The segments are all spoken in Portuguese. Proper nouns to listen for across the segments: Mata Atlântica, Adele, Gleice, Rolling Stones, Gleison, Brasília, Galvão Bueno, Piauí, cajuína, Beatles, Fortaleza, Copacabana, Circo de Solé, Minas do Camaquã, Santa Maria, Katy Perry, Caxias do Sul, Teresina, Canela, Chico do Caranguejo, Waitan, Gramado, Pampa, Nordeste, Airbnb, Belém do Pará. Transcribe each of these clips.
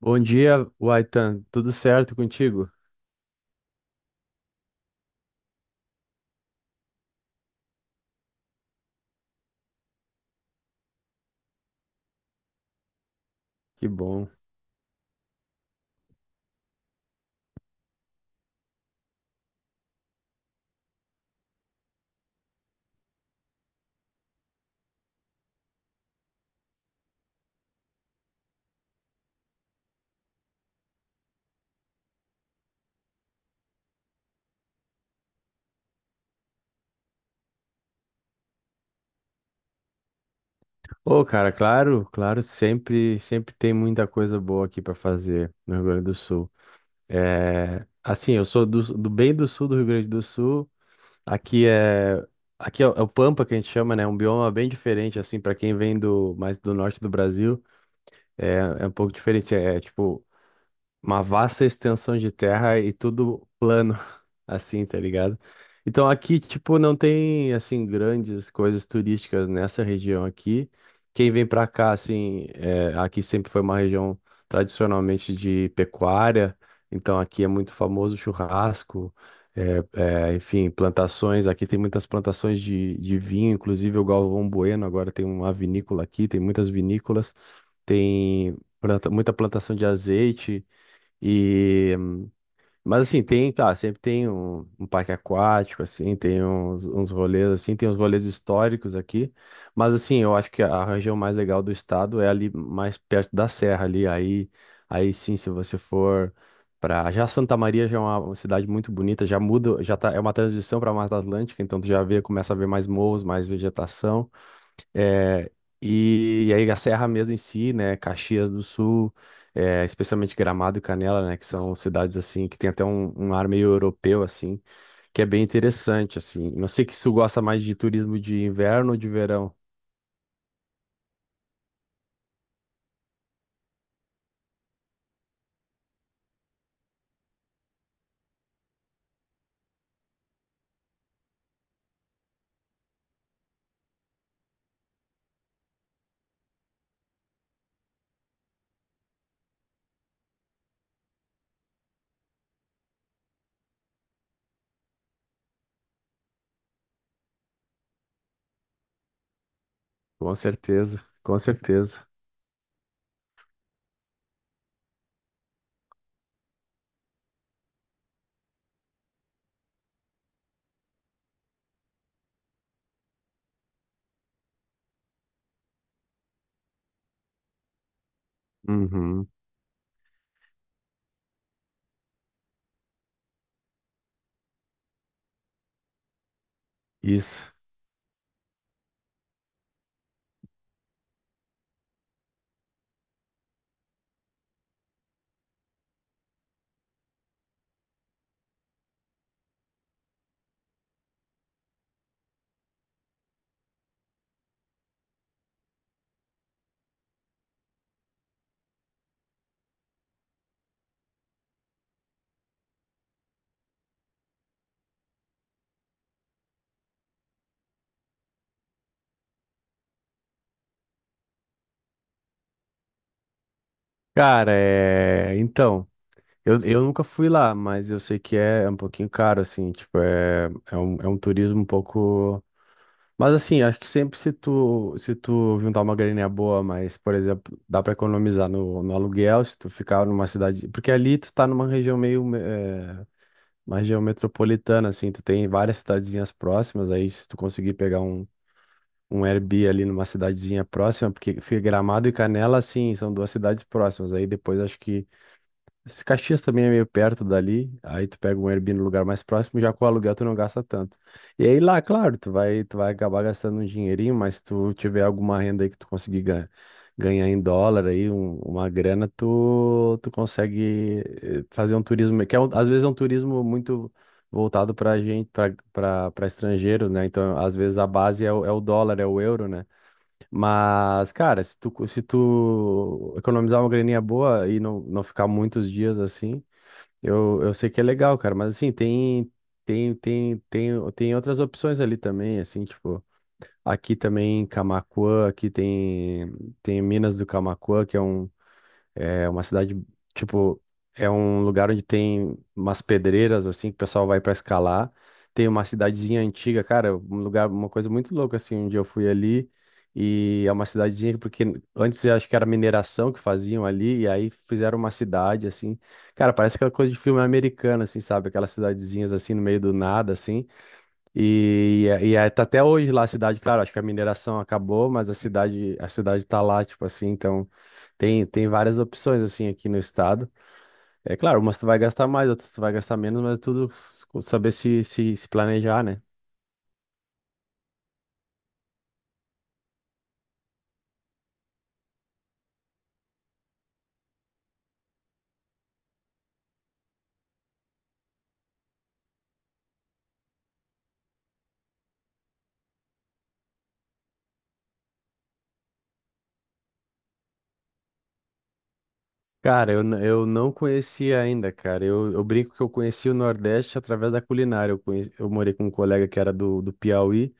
Bom dia, Waitan. Tudo certo contigo? Que bom. Ô, cara, claro, claro, sempre, sempre tem muita coisa boa aqui para fazer no Rio Grande do Sul. É, assim, eu sou do bem do sul do Rio Grande do Sul. Aqui é, aqui é, o É o Pampa que a gente chama, né? É um bioma bem diferente, assim, para quem vem do mais do norte do Brasil. É é um pouco diferente. Tipo uma vasta extensão de terra e tudo plano. Assim, tá ligado? Então aqui, tipo, não tem, assim, grandes coisas turísticas nessa região aqui. Quem vem pra cá, assim, aqui sempre foi uma região tradicionalmente de pecuária, então aqui é muito famoso churrasco, enfim, plantações. Aqui tem muitas plantações de vinho, inclusive o Galvão Bueno agora tem uma vinícola aqui, tem muitas vinícolas, tem muita plantação de azeite. E mas assim, tem, tá, sempre tem um parque aquático, assim, tem uns rolês, assim, tem uns rolês históricos aqui. Mas assim, eu acho que a região mais legal do estado é ali mais perto da serra ali. Aí sim, se você for para já Santa Maria já é uma cidade muito bonita, já muda, já tá, é uma transição para a Mata Atlântica, então tu já vê, começa a ver mais morros, mais vegetação. É, e aí a Serra mesmo em si, né, Caxias do Sul, especialmente Gramado e Canela, né, que são cidades assim que tem até um ar meio europeu assim, que é bem interessante assim. Não sei que se tu gosta mais de turismo de inverno ou de verão. Com certeza, com certeza. Uhum, isso. Cara, então, eu nunca fui lá, mas eu sei que é um pouquinho caro assim, tipo, é um turismo um pouco. Mas assim, acho que sempre se tu, juntar uma graninha boa, mas, por exemplo, dá pra economizar no aluguel, se tu ficar numa cidade. Porque ali tu tá numa região meio. Uma região metropolitana, assim, tu tem várias cidadezinhas próximas, aí se tu conseguir pegar um Airbnb ali numa cidadezinha próxima, porque fica Gramado e Canela, assim, são duas cidades próximas, aí depois acho que se Caxias também é meio perto dali, aí tu pega um Airbnb no lugar mais próximo, já com o aluguel tu não gasta tanto. E aí lá, claro, tu vai acabar gastando um dinheirinho, mas se tu tiver alguma renda aí que tu conseguir ganhar em dólar aí, uma grana, tu consegue fazer um turismo, que é às vezes é um turismo muito voltado pra gente, pra estrangeiro, né? Então, às vezes a base é o, dólar, é o euro, né? Mas, cara, se tu economizar uma graninha boa e não, não ficar muitos dias assim, eu sei que é legal, cara. Mas assim, tem outras opções ali também, assim, tipo, aqui também em Camaquã, aqui tem Minas do Camaquã, que é uma cidade, tipo, é um lugar onde tem umas pedreiras, assim, que o pessoal vai pra escalar. Tem uma cidadezinha antiga, cara, um lugar, uma coisa muito louca, assim, um dia eu fui ali e é uma cidadezinha, porque antes eu acho que era mineração que faziam ali, e aí fizeram uma cidade, assim. Cara, parece aquela coisa de filme americano, assim, sabe? Aquelas cidadezinhas, assim, no meio do nada, assim. E aí tá até hoje lá a cidade, claro, acho que a mineração acabou, mas a cidade tá lá, tipo assim, então tem várias opções assim aqui no estado. É claro, umas tu vai gastar mais, outras tu vai gastar menos, mas é tudo saber se planejar, né? Cara, eu não conhecia ainda, cara. Eu brinco que eu conheci o Nordeste através da culinária. Eu morei com um colega que era do Piauí.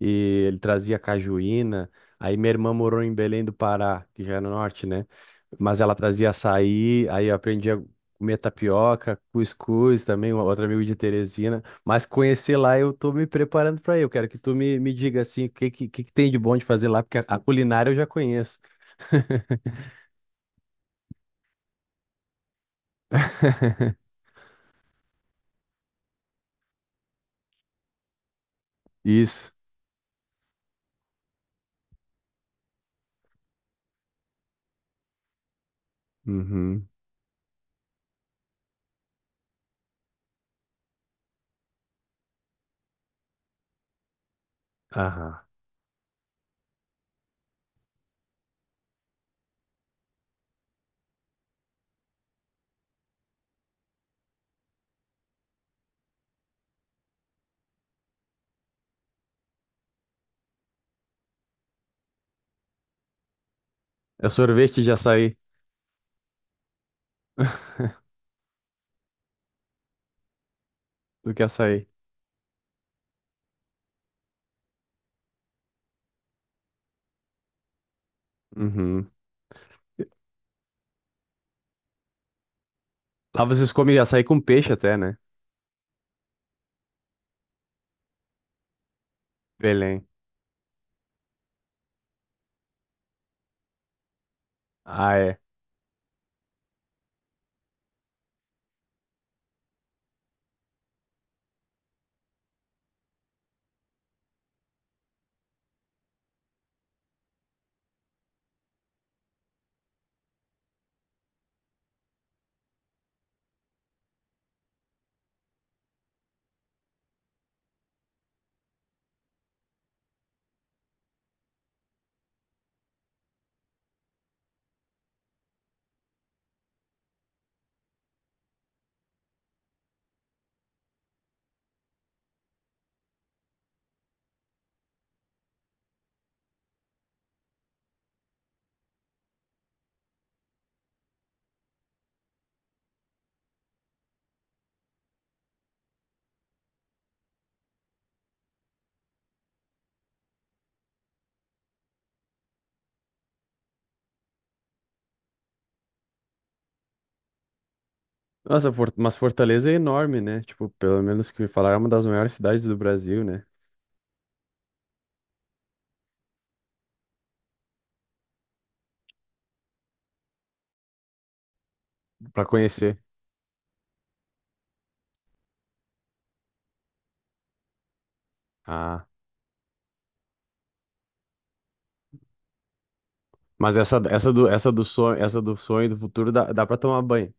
E ele trazia cajuína. Aí minha irmã morou em Belém do Pará, que já é no norte, né? Mas ela trazia açaí, aí eu aprendi a comer tapioca, cuscuz também, um outro amigo de Teresina. Mas conhecer lá eu tô me preparando para ir. Eu quero que tu me diga assim, o que que tem de bom de fazer lá, porque a culinária eu já conheço. Isso. Uhum. Aham. É sorvete de açaí. Do que açaí. Uhum. Lá vocês comem açaí com peixe até, né? Belém. Ah, é. Nossa, mas Fortaleza é enorme, né? Tipo, pelo menos que me falaram, é uma das maiores cidades do Brasil, né? Pra conhecer. Ah, mas essa, essa do sonho do futuro dá pra tomar banho.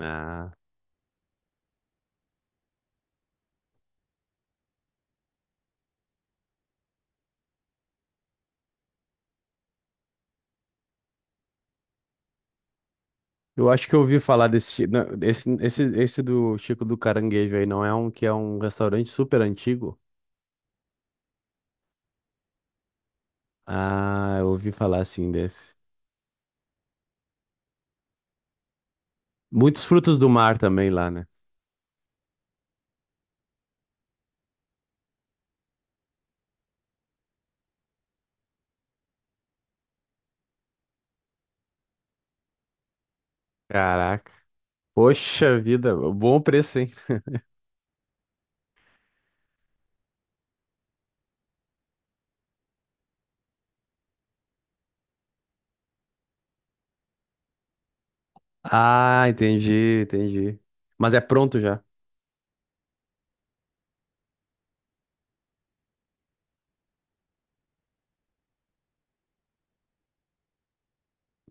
Ah, eu acho que eu ouvi falar desse, não, esse do Chico do Caranguejo aí, não é um que é um restaurante super antigo? Ah, eu ouvi falar assim desse. Muitos frutos do mar também lá, né? Caraca. Poxa vida, bom preço, hein? Ah, entendi, entendi. Mas é pronto já.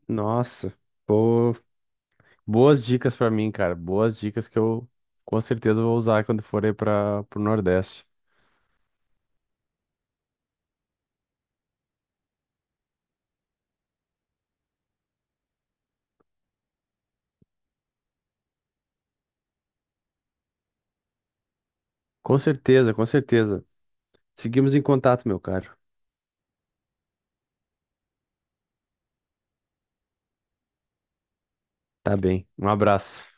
Nossa, pô, boas dicas pra mim, cara. Boas dicas que eu com certeza vou usar quando for aí para pro Nordeste. Com certeza, com certeza. Seguimos em contato, meu caro. Tá bem. Um abraço.